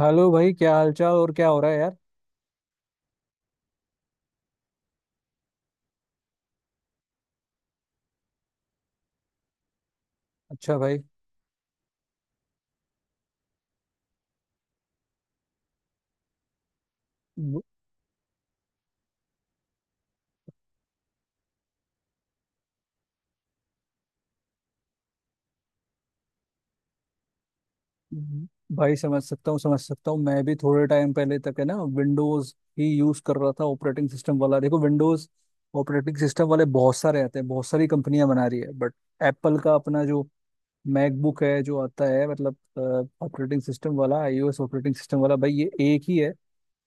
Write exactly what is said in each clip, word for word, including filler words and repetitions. Hello भाई, क्या हालचाल और क्या हो रहा है यार। अच्छा भाई। व- व- भाई, समझ सकता हूँ समझ सकता हूँ। मैं भी थोड़े टाइम पहले तक, है ना, विंडोज ही यूज कर रहा था ऑपरेटिंग सिस्टम वाला। देखो, विंडोज ऑपरेटिंग सिस्टम वाले बहुत सारे आते हैं, बहुत सारी कंपनियां बना रही है। बट एप्पल का अपना जो मैकबुक है जो आता है, मतलब ऑपरेटिंग सिस्टम वाला आई ओ एस ऑपरेटिंग सिस्टम वाला भाई, ये एक ही है।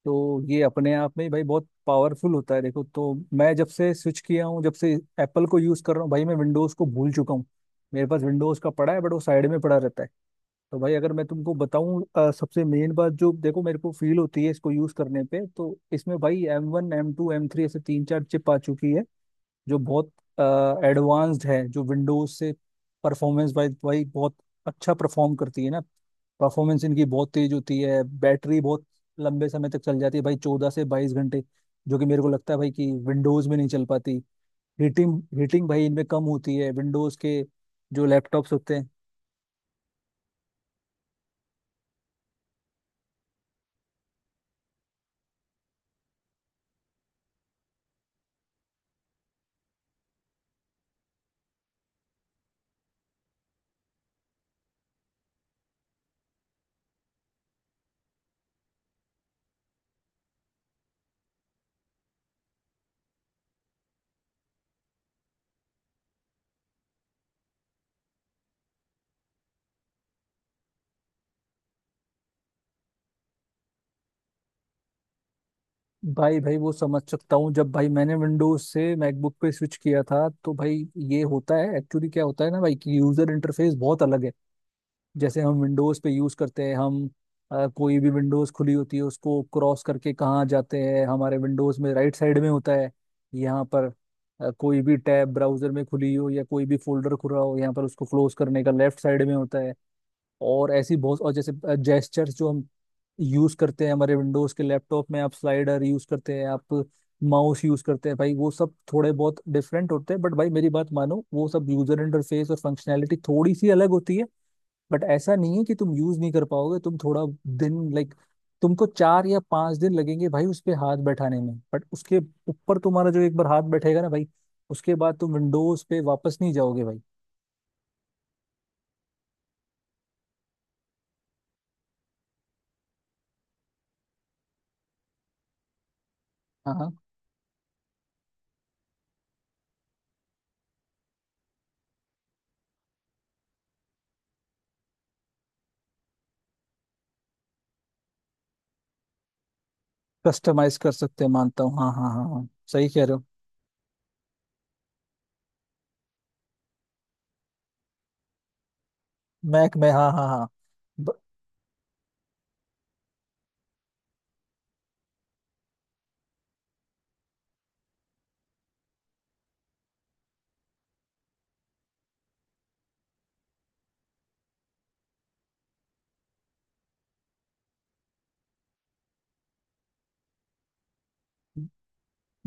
तो ये अपने आप में ही भाई बहुत पावरफुल होता है। देखो, तो मैं जब से स्विच किया हूँ, जब से एप्पल को यूज़ कर रहा हूँ भाई, मैं विंडोज़ को भूल चुका हूँ। मेरे पास विंडोज़ का पड़ा है बट वो साइड में पड़ा रहता है। तो भाई, अगर मैं तुमको बताऊं अ, सबसे मेन बात जो देखो मेरे को फील होती है इसको यूज़ करने पे, तो इसमें भाई M one M two M three ऐसे तीन चार चिप आ चुकी है जो बहुत एडवांस्ड है, जो विंडोज से परफॉर्मेंस वाइज वाइज बहुत अच्छा परफॉर्म करती है ना। परफॉर्मेंस इनकी बहुत तेज होती है, बैटरी बहुत लंबे समय तक चल जाती है भाई, चौदह से बाईस घंटे, जो कि मेरे को लगता है भाई कि विंडोज में नहीं चल पाती। हीटिंग हीटिंग भाई इनमें कम होती है, विंडोज के जो लैपटॉप्स होते हैं। भाई भाई वो समझ सकता हूँ। जब भाई मैंने विंडोज से मैकबुक पे स्विच किया था, तो भाई ये होता है, एक्चुअली क्या होता है ना भाई, कि यूजर इंटरफेस बहुत अलग है। जैसे हम विंडोज पे यूज करते हैं, हम अ, कोई भी विंडोज खुली होती है उसको क्रॉस करके कहाँ जाते हैं, हमारे विंडोज में राइट साइड में होता है। यहाँ पर अ, कोई भी टैब ब्राउजर में खुली हो या कोई भी फोल्डर खुला हो, यहाँ पर उसको क्लोज करने का लेफ्ट साइड में होता है। और ऐसी बहुत, और जैसे जेस्चर्स जो हम यूज करते हैं, हमारे विंडोज के लैपटॉप में आप स्लाइडर यूज करते हैं, आप माउस यूज करते हैं भाई, वो सब थोड़े बहुत डिफरेंट होते हैं। बट भाई मेरी बात मानो, वो सब यूजर इंटरफेस और फंक्शनैलिटी थोड़ी सी अलग होती है, बट ऐसा नहीं है कि तुम यूज नहीं कर पाओगे। तुम थोड़ा दिन, लाइक, तुमको चार या पांच दिन लगेंगे भाई उस पे हाथ बैठाने में, बट उसके ऊपर तुम्हारा जो एक बार हाथ बैठेगा ना भाई, उसके बाद तुम विंडोज पे वापस नहीं जाओगे भाई। हाँ हाँ। कस्टमाइज कर सकते हैं, मानता हूँ। हाँ हाँ हाँ हाँ, सही कह रहे हो। मैक में, हाँ हाँ हाँ।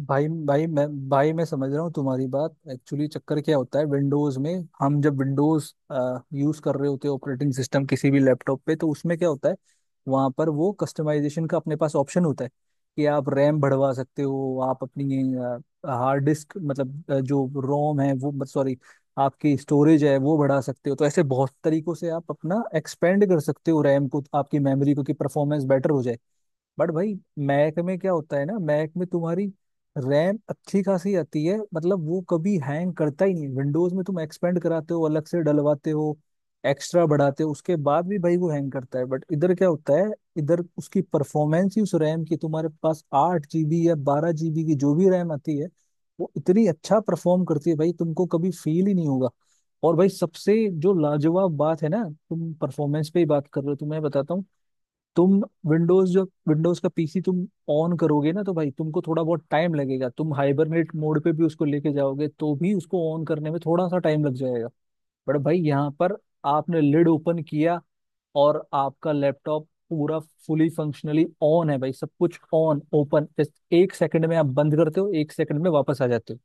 भाई भाई मैं भाई मैं समझ रहा हूँ तुम्हारी बात। एक्चुअली चक्कर क्या होता है विंडोज में, हम जब विंडोज यूज कर रहे होते हैं ऑपरेटिंग सिस्टम किसी भी लैपटॉप पे, तो उसमें क्या होता है, वहां पर वो कस्टमाइजेशन का अपने पास ऑप्शन होता है कि आप रैम बढ़वा सकते हो, आप अपनी हार्ड डिस्क मतलब अ, जो रोम है वो, सॉरी, आपकी स्टोरेज है, वो बढ़ा सकते हो। तो ऐसे बहुत तरीकों से आप अपना एक्सपेंड कर सकते हो रैम को, आपकी मेमोरी को, कि परफॉर्मेंस बेटर हो जाए। बट भाई मैक में क्या होता है ना, मैक में तुम्हारी रैम अच्छी खासी आती है, मतलब वो कभी हैंग करता ही नहीं। विंडोज में तुम एक्सपेंड कराते हो, अलग से डलवाते हो, एक्स्ट्रा बढ़ाते हो, उसके बाद भी भाई वो हैंग करता है। बट इधर क्या होता है, इधर उसकी परफॉर्मेंस ही, उस रैम की, तुम्हारे पास आठ जीबी या बारह जीबी की जो भी रैम आती है, वो इतनी अच्छा परफॉर्म करती है भाई, तुमको कभी फील ही नहीं होगा। और भाई सबसे जो लाजवाब बात है ना, तुम परफॉर्मेंस पे ही बात कर रहे हो, तो मैं बताता हूँ। तुम विंडोज, जो विंडोज का पीसी तुम ऑन करोगे ना, तो भाई तुमको थोड़ा बहुत टाइम लगेगा, तुम हाइबरनेट मोड पे भी उसको लेके जाओगे तो भी उसको ऑन करने में थोड़ा सा टाइम लग जाएगा। बट भाई यहाँ पर आपने लिड ओपन किया और आपका लैपटॉप पूरा फुली फंक्शनली ऑन है भाई, सब कुछ ऑन, ओपन, जस्ट एक सेकंड में आप बंद करते हो, एक सेकंड में वापस आ जाते हो।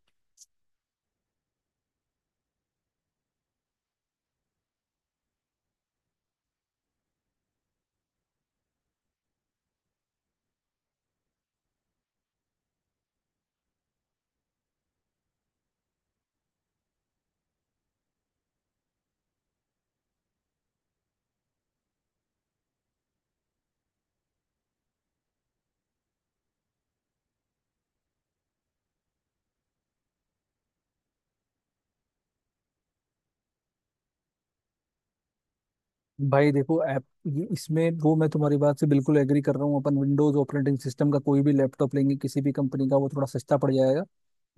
भाई देखो, ऐप ये- इसमें वो, मैं तुम्हारी बात से बिल्कुल एग्री कर रहा हूँ। अपन विंडोज ऑपरेटिंग सिस्टम का कोई भी लैपटॉप लेंगे किसी भी कंपनी का, वो थोड़ा सस्ता पड़ जाएगा।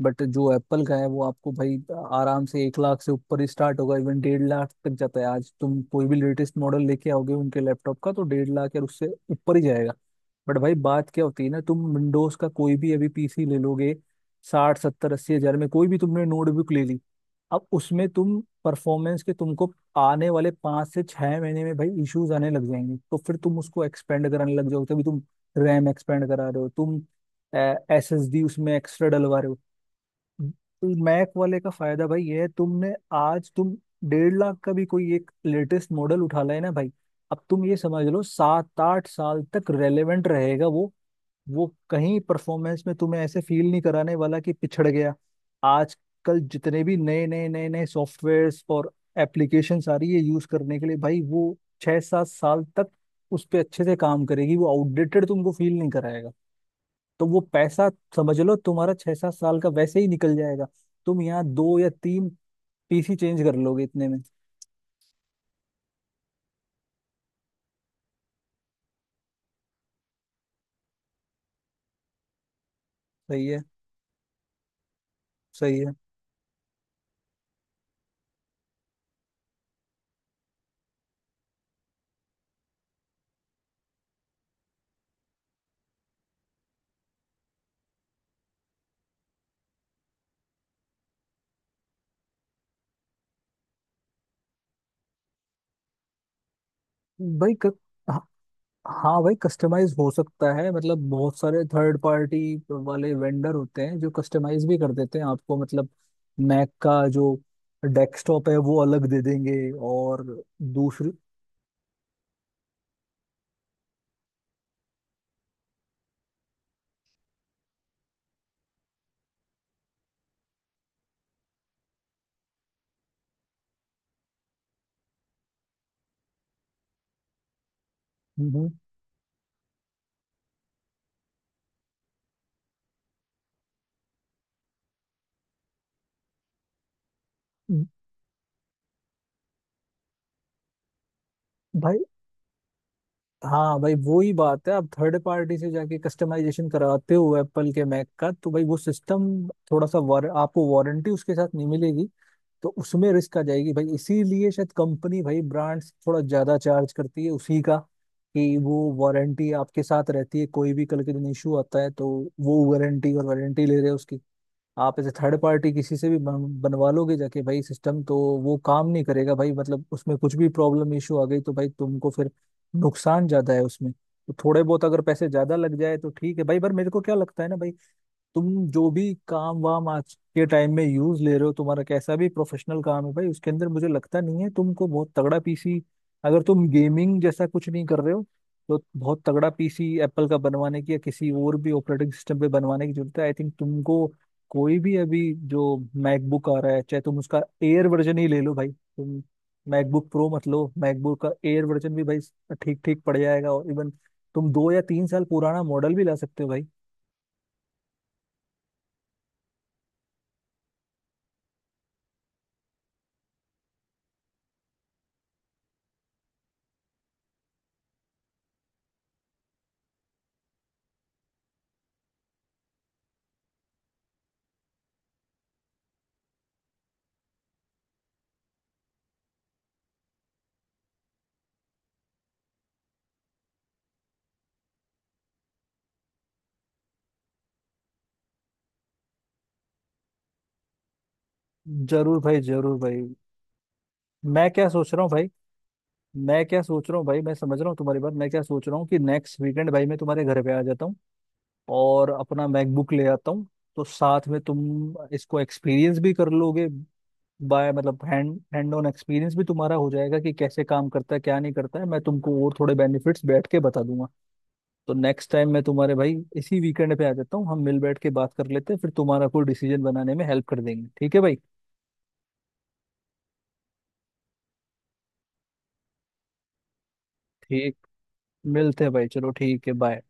बट जो एप्पल का है वो आपको भाई आराम से एक लाख से ऊपर ही स्टार्ट होगा, इवन डेढ़ लाख तक जाता है। आज तुम कोई भी लेटेस्ट मॉडल लेके आओगे उनके लैपटॉप का, तो डेढ़ लाख या उससे ऊपर ही जाएगा। बट भाई बात क्या होती है ना, तुम विंडोज का कोई भी अभी पीसी ले लोगे, साठ सत्तर अस्सी हजार में कोई भी तुमने नोटबुक ले ली, अब उसमें तुम परफॉर्मेंस के, तुमको आने वाले पाँच से छह महीने में भाई इश्यूज आने लग जाएंगे। तो फिर तुम उसको एक्सपेंड कराने लग जाओगे, तभी तुम रैम एक्सपेंड करा रहे हो, तुम एस एस डी उसमें एक्स्ट्रा डलवा रहे हो। तो मैक वाले का फायदा भाई ये है, तुमने आज तुम डेढ़ लाख का भी कोई एक लेटेस्ट मॉडल उठा लाए ना भाई, अब तुम ये समझ लो, सात आठ साल तक रेलेवेंट रहेगा वो। वो कहीं परफॉर्मेंस में तुम्हें ऐसे फील नहीं कराने वाला कि पिछड़ गया। आजकल जितने भी नए नए नए नए सॉफ्टवेयर्स और एप्लीकेशन आ रही है यूज करने के लिए भाई, वो छह सात साल तक उस पर अच्छे से काम करेगी, वो आउटडेटेड तुमको फील नहीं कराएगा। तो वो पैसा समझ लो तुम्हारा छह सात साल का वैसे ही निकल जाएगा, तुम यहाँ दो या तीन पीसी चेंज कर लोगे इतने में। सही है। सही है। भाई क... हाँ हाँ भाई, कस्टमाइज हो सकता है। मतलब बहुत सारे थर्ड पार्टी वाले वेंडर होते हैं जो कस्टमाइज भी कर देते हैं आपको, मतलब मैक का जो डेस्कटॉप है वो अलग दे देंगे और दूसरी। हम्म। हम्म। भाई, हाँ भाई, वो ही बात है, आप थर्ड पार्टी से जाके कस्टमाइजेशन कराते हो एप्पल के मैक का, तो भाई वो सिस्टम थोड़ा सा वार, आपको वारंटी उसके साथ नहीं मिलेगी, तो उसमें रिस्क आ जाएगी भाई। इसीलिए शायद कंपनी भाई, ब्रांड्स थोड़ा ज्यादा चार्ज करती है उसी का, कि वो वारंटी आपके साथ रहती है, कोई भी कल के दिन इशू आता है तो वो वारंटी, और वारंटी ले रहे हैं उसकी। आप ऐसे थर्ड पार्टी किसी से भी बन, बनवा लोगे जाके भाई, सिस्टम तो वो काम नहीं करेगा भाई। मतलब उसमें कुछ भी प्रॉब्लम इशू आ गई तो भाई तुमको फिर नुकसान ज्यादा है उसमें। तो थोड़े बहुत अगर पैसे ज्यादा लग जाए तो ठीक है भाई, पर मेरे को क्या लगता है ना भाई, तुम जो भी काम वाम आज के टाइम में यूज ले रहे हो, तुम्हारा कैसा भी प्रोफेशनल काम है भाई, उसके अंदर मुझे लगता नहीं है तुमको बहुत तगड़ा पीसी, अगर तुम गेमिंग जैसा कुछ नहीं कर रहे हो, तो बहुत तगड़ा पीसी एप्पल का बनवाने की या किसी और भी ऑपरेटिंग सिस्टम पे बनवाने की जरूरत है, आई थिंक। तुमको कोई भी अभी जो मैकबुक आ रहा है, चाहे तुम उसका एयर वर्जन ही ले लो भाई, तुम मैकबुक प्रो मत लो, मैकबुक का एयर वर्जन भी भाई ठीक ठीक पड़ जाएगा। और इवन तुम दो या तीन साल पुराना मॉडल भी ला सकते हो भाई। जरूर भाई, जरूर भाई। मैं क्या सोच रहा हूँ भाई मैं क्या सोच रहा हूँ भाई, मैं समझ रहा हूँ तुम्हारी बात। मैं क्या सोच रहा हूँ कि नेक्स्ट वीकेंड भाई मैं तुम्हारे घर पे आ जाता हूँ और अपना मैकबुक ले आता हूँ, तो साथ में तुम इसको एक्सपीरियंस भी कर लोगे, बाय मतलब हैंड हैंड ऑन एक्सपीरियंस भी तुम्हारा हो जाएगा कि कैसे काम करता है क्या नहीं करता है। मैं तुमको और थोड़े बेनिफिट्स बैठ के बता दूंगा। तो नेक्स्ट टाइम मैं तुम्हारे, भाई इसी वीकेंड पे आ जाता हूँ, हम मिल बैठ के बात कर लेते हैं, फिर तुम्हारा कोई डिसीजन बनाने में हेल्प कर देंगे, ठीक है भाई। ठीक, मिलते हैं भाई, चलो ठीक है, बाय।